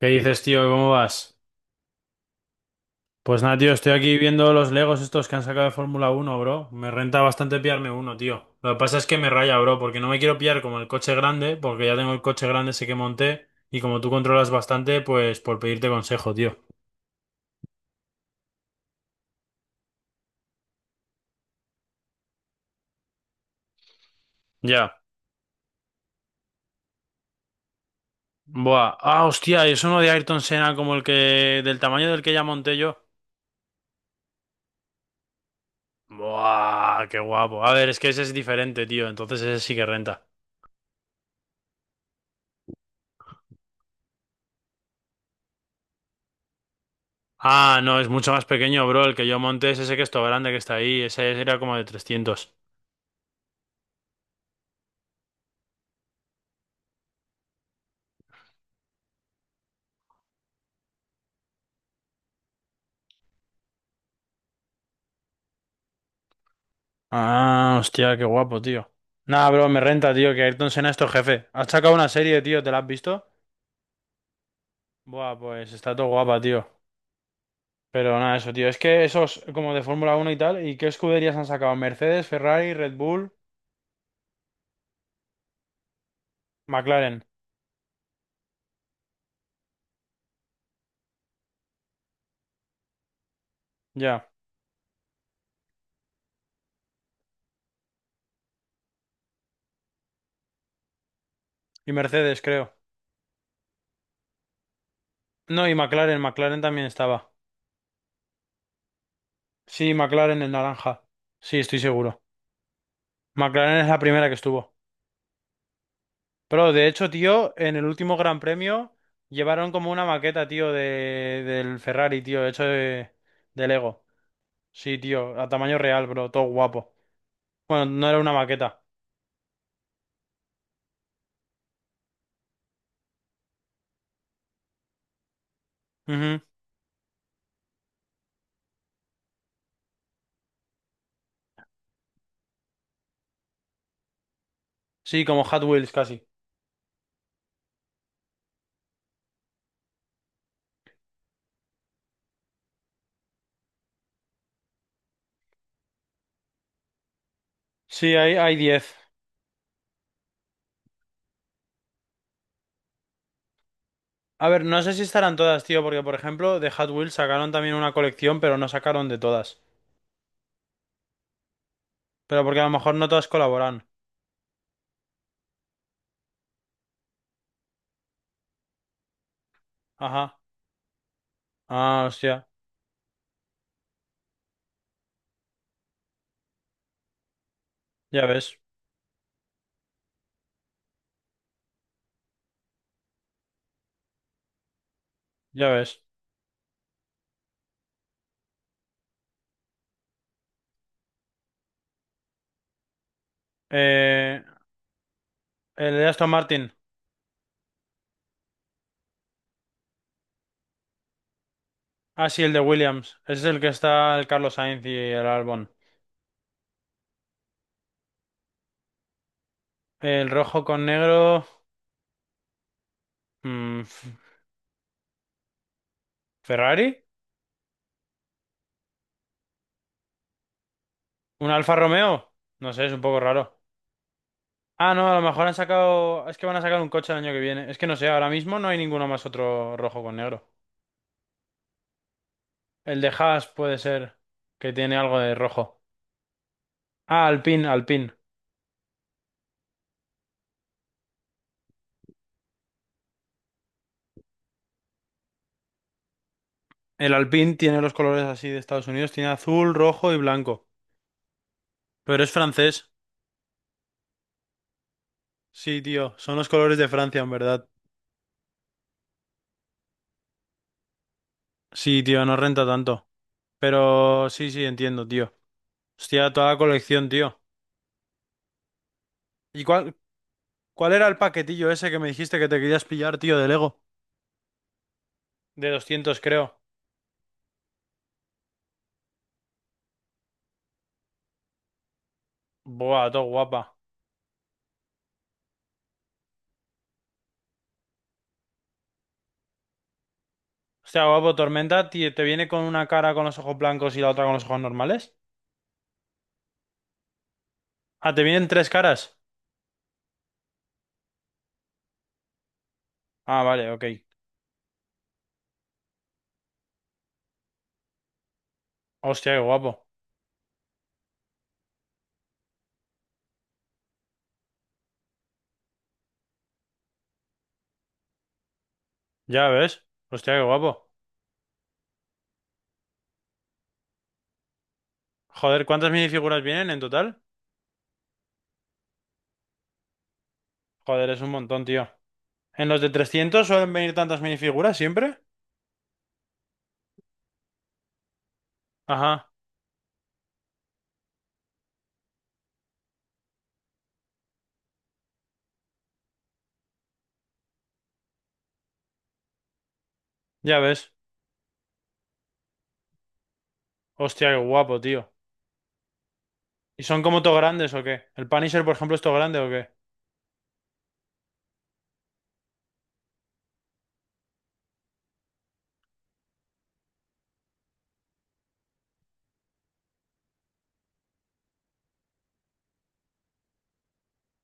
¿Qué dices, tío? ¿Cómo vas? Pues nada, tío, estoy aquí viendo los Legos estos que han sacado de Fórmula Uno, bro. Me renta bastante pillarme uno, tío. Lo que pasa es que me raya, bro, porque no me quiero pillar como el coche grande, porque ya tengo el coche grande ese que monté, y como tú controlas bastante, pues por pedirte consejo, tío. Ya. Buah. Ah, hostia, y es uno de Ayrton Senna como el que... del tamaño del que ya monté yo. Buah, qué guapo. A ver, es que ese es diferente, tío, entonces ese sí que renta. Ah, no, es mucho más pequeño, bro. El que yo monté es ese que es todo grande que está ahí. Ese era como de 300. Ah, hostia, qué guapo, tío. Nah, bro, me renta, tío, que Ayrton Senna es tu jefe. ¿Has sacado una serie, tío? ¿Te la has visto? Buah, pues está todo guapa, tío. Pero nada, eso, tío. Es que esos como de Fórmula uno y tal. ¿Y qué escuderías han sacado? Mercedes, Ferrari, Red Bull, McLaren. Ya. Y Mercedes, creo. No, y McLaren, McLaren también estaba. Sí, McLaren el naranja. Sí, estoy seguro. McLaren es la primera que estuvo. Pero de hecho, tío, en el último Gran Premio llevaron como una maqueta, tío, del Ferrari, tío, hecho de Lego. Sí, tío, a tamaño real, bro, todo guapo. Bueno, no era una maqueta. Ujú. Sí, como Hot Wheels casi. Sí, hay 10. A ver, no sé si estarán todas, tío, porque por ejemplo, de Hot Wheels sacaron también una colección, pero no sacaron de todas. Pero porque a lo mejor no todas colaboran. Ajá. Ah, hostia. Ya ves, ya ves. Eh, el de Aston Martin. Ah, sí, el de Williams. Ese es el que está el Carlos Sainz y el Albon. El rojo con negro. mm, F- ¿Ferrari? ¿Un Alfa Romeo? No sé, es un poco raro. Ah, no, a lo mejor han sacado. Es que van a sacar un coche el año que viene. Es que no sé, ahora mismo no hay ninguno más otro rojo con negro. El de Haas puede ser que tiene algo de rojo. Ah, Alpine, Alpine. El Alpine tiene los colores así de Estados Unidos: tiene azul, rojo y blanco. Pero es francés. Sí, tío, son los colores de Francia, en verdad. Sí, tío, no renta tanto. Pero sí, sí, entiendo, tío. Hostia, toda la colección, tío. ¿Y cuál era el paquetillo ese que me dijiste que te querías pillar, tío, de Lego? De 200 creo. Buah, todo guapa. Hostia, guapo, Tormenta, tío, ¿te viene con una cara con los ojos blancos y la otra con los ojos normales? Ah, ¿te vienen tres caras? Ah, vale, ok. Hostia, qué guapo. Ya ves. Hostia, qué guapo. Joder, ¿cuántas minifiguras vienen en total? Joder, es un montón, tío. ¿En los de 300 suelen venir tantas minifiguras siempre? Ajá, ya ves. Hostia, qué guapo, tío. ¿Y son como todos grandes o qué? ¿El Punisher, por ejemplo, es todo grande o qué?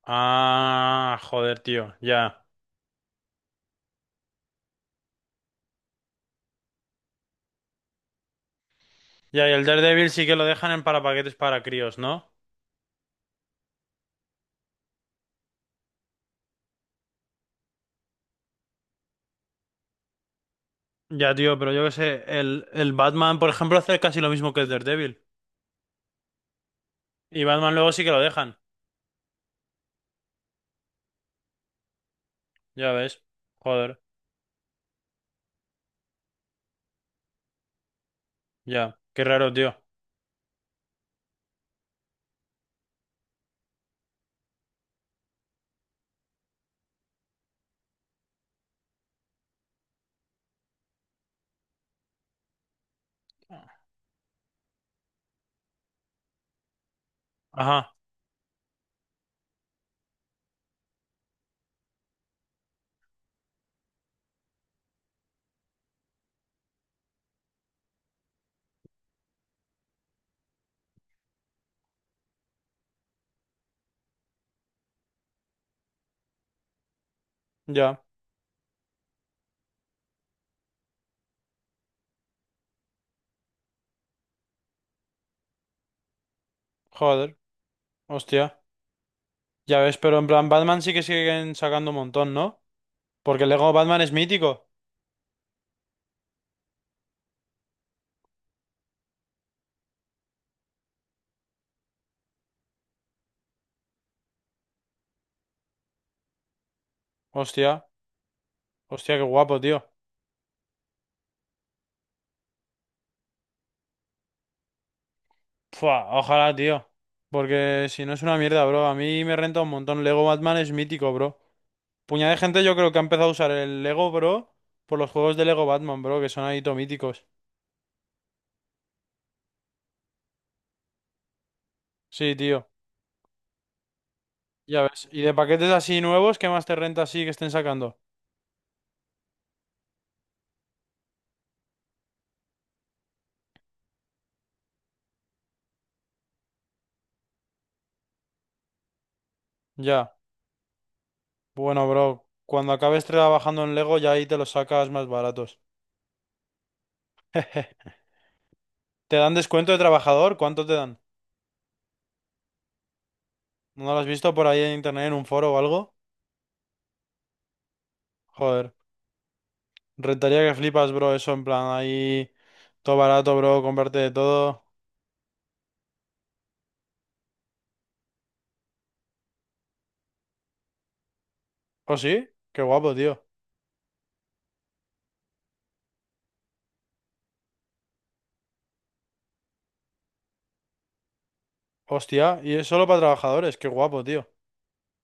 Ah, joder, tío, ya. Ya, y el Daredevil sí que lo dejan en para paquetes para críos, ¿no? Ya, tío, pero yo qué sé, el Batman, por ejemplo, hace casi lo mismo que el Daredevil. Y Batman luego sí que lo dejan, ya ves. Joder, ya. Qué raro, tío. Ajá, ya. Joder, hostia. Ya ves, pero en plan Batman sí que siguen sacando un montón, ¿no? Porque el Lego Batman es mítico. Hostia, hostia, qué guapo, tío. Fua, ojalá, tío. Porque si no es una mierda, bro. A mí me renta un montón. Lego Batman es mítico, bro. Puñada de gente yo creo que ha empezado a usar el Lego, bro, por los juegos de Lego Batman, bro, que son ahí todo míticos. Sí, tío. Ya ves. ¿Y de paquetes así nuevos, qué más te renta así que estén sacando? Ya. Bueno, bro. Cuando acabes trabajando en Lego, ya ahí te los sacas más baratos. ¿Te dan descuento de trabajador? ¿Cuánto te dan? ¿No lo has visto por ahí en internet en un foro o algo? Joder. Rentaría que flipas, bro, eso en plan ahí todo barato, bro, comprarte de todo. ¿Oh, sí? Qué guapo, tío. Hostia, y es solo para trabajadores, qué guapo, tío.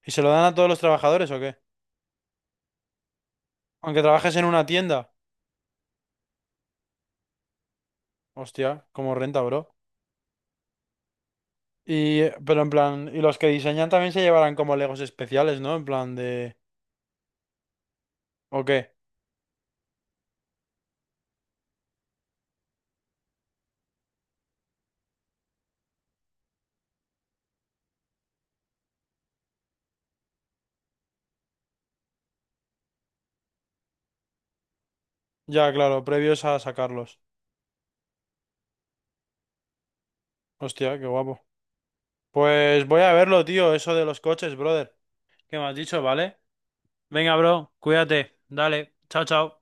¿Y se lo dan a todos los trabajadores o qué? Aunque trabajes en una tienda. Hostia, como renta, bro. Y, pero en plan, y los que diseñan también se llevarán como Legos especiales, ¿no? En plan de... ¿O qué? Ya, claro, previos a sacarlos. Hostia, qué guapo. Pues voy a verlo, tío, eso de los coches, brother. ¿Qué me has dicho, vale? Venga, bro, cuídate. Dale, chao, chao.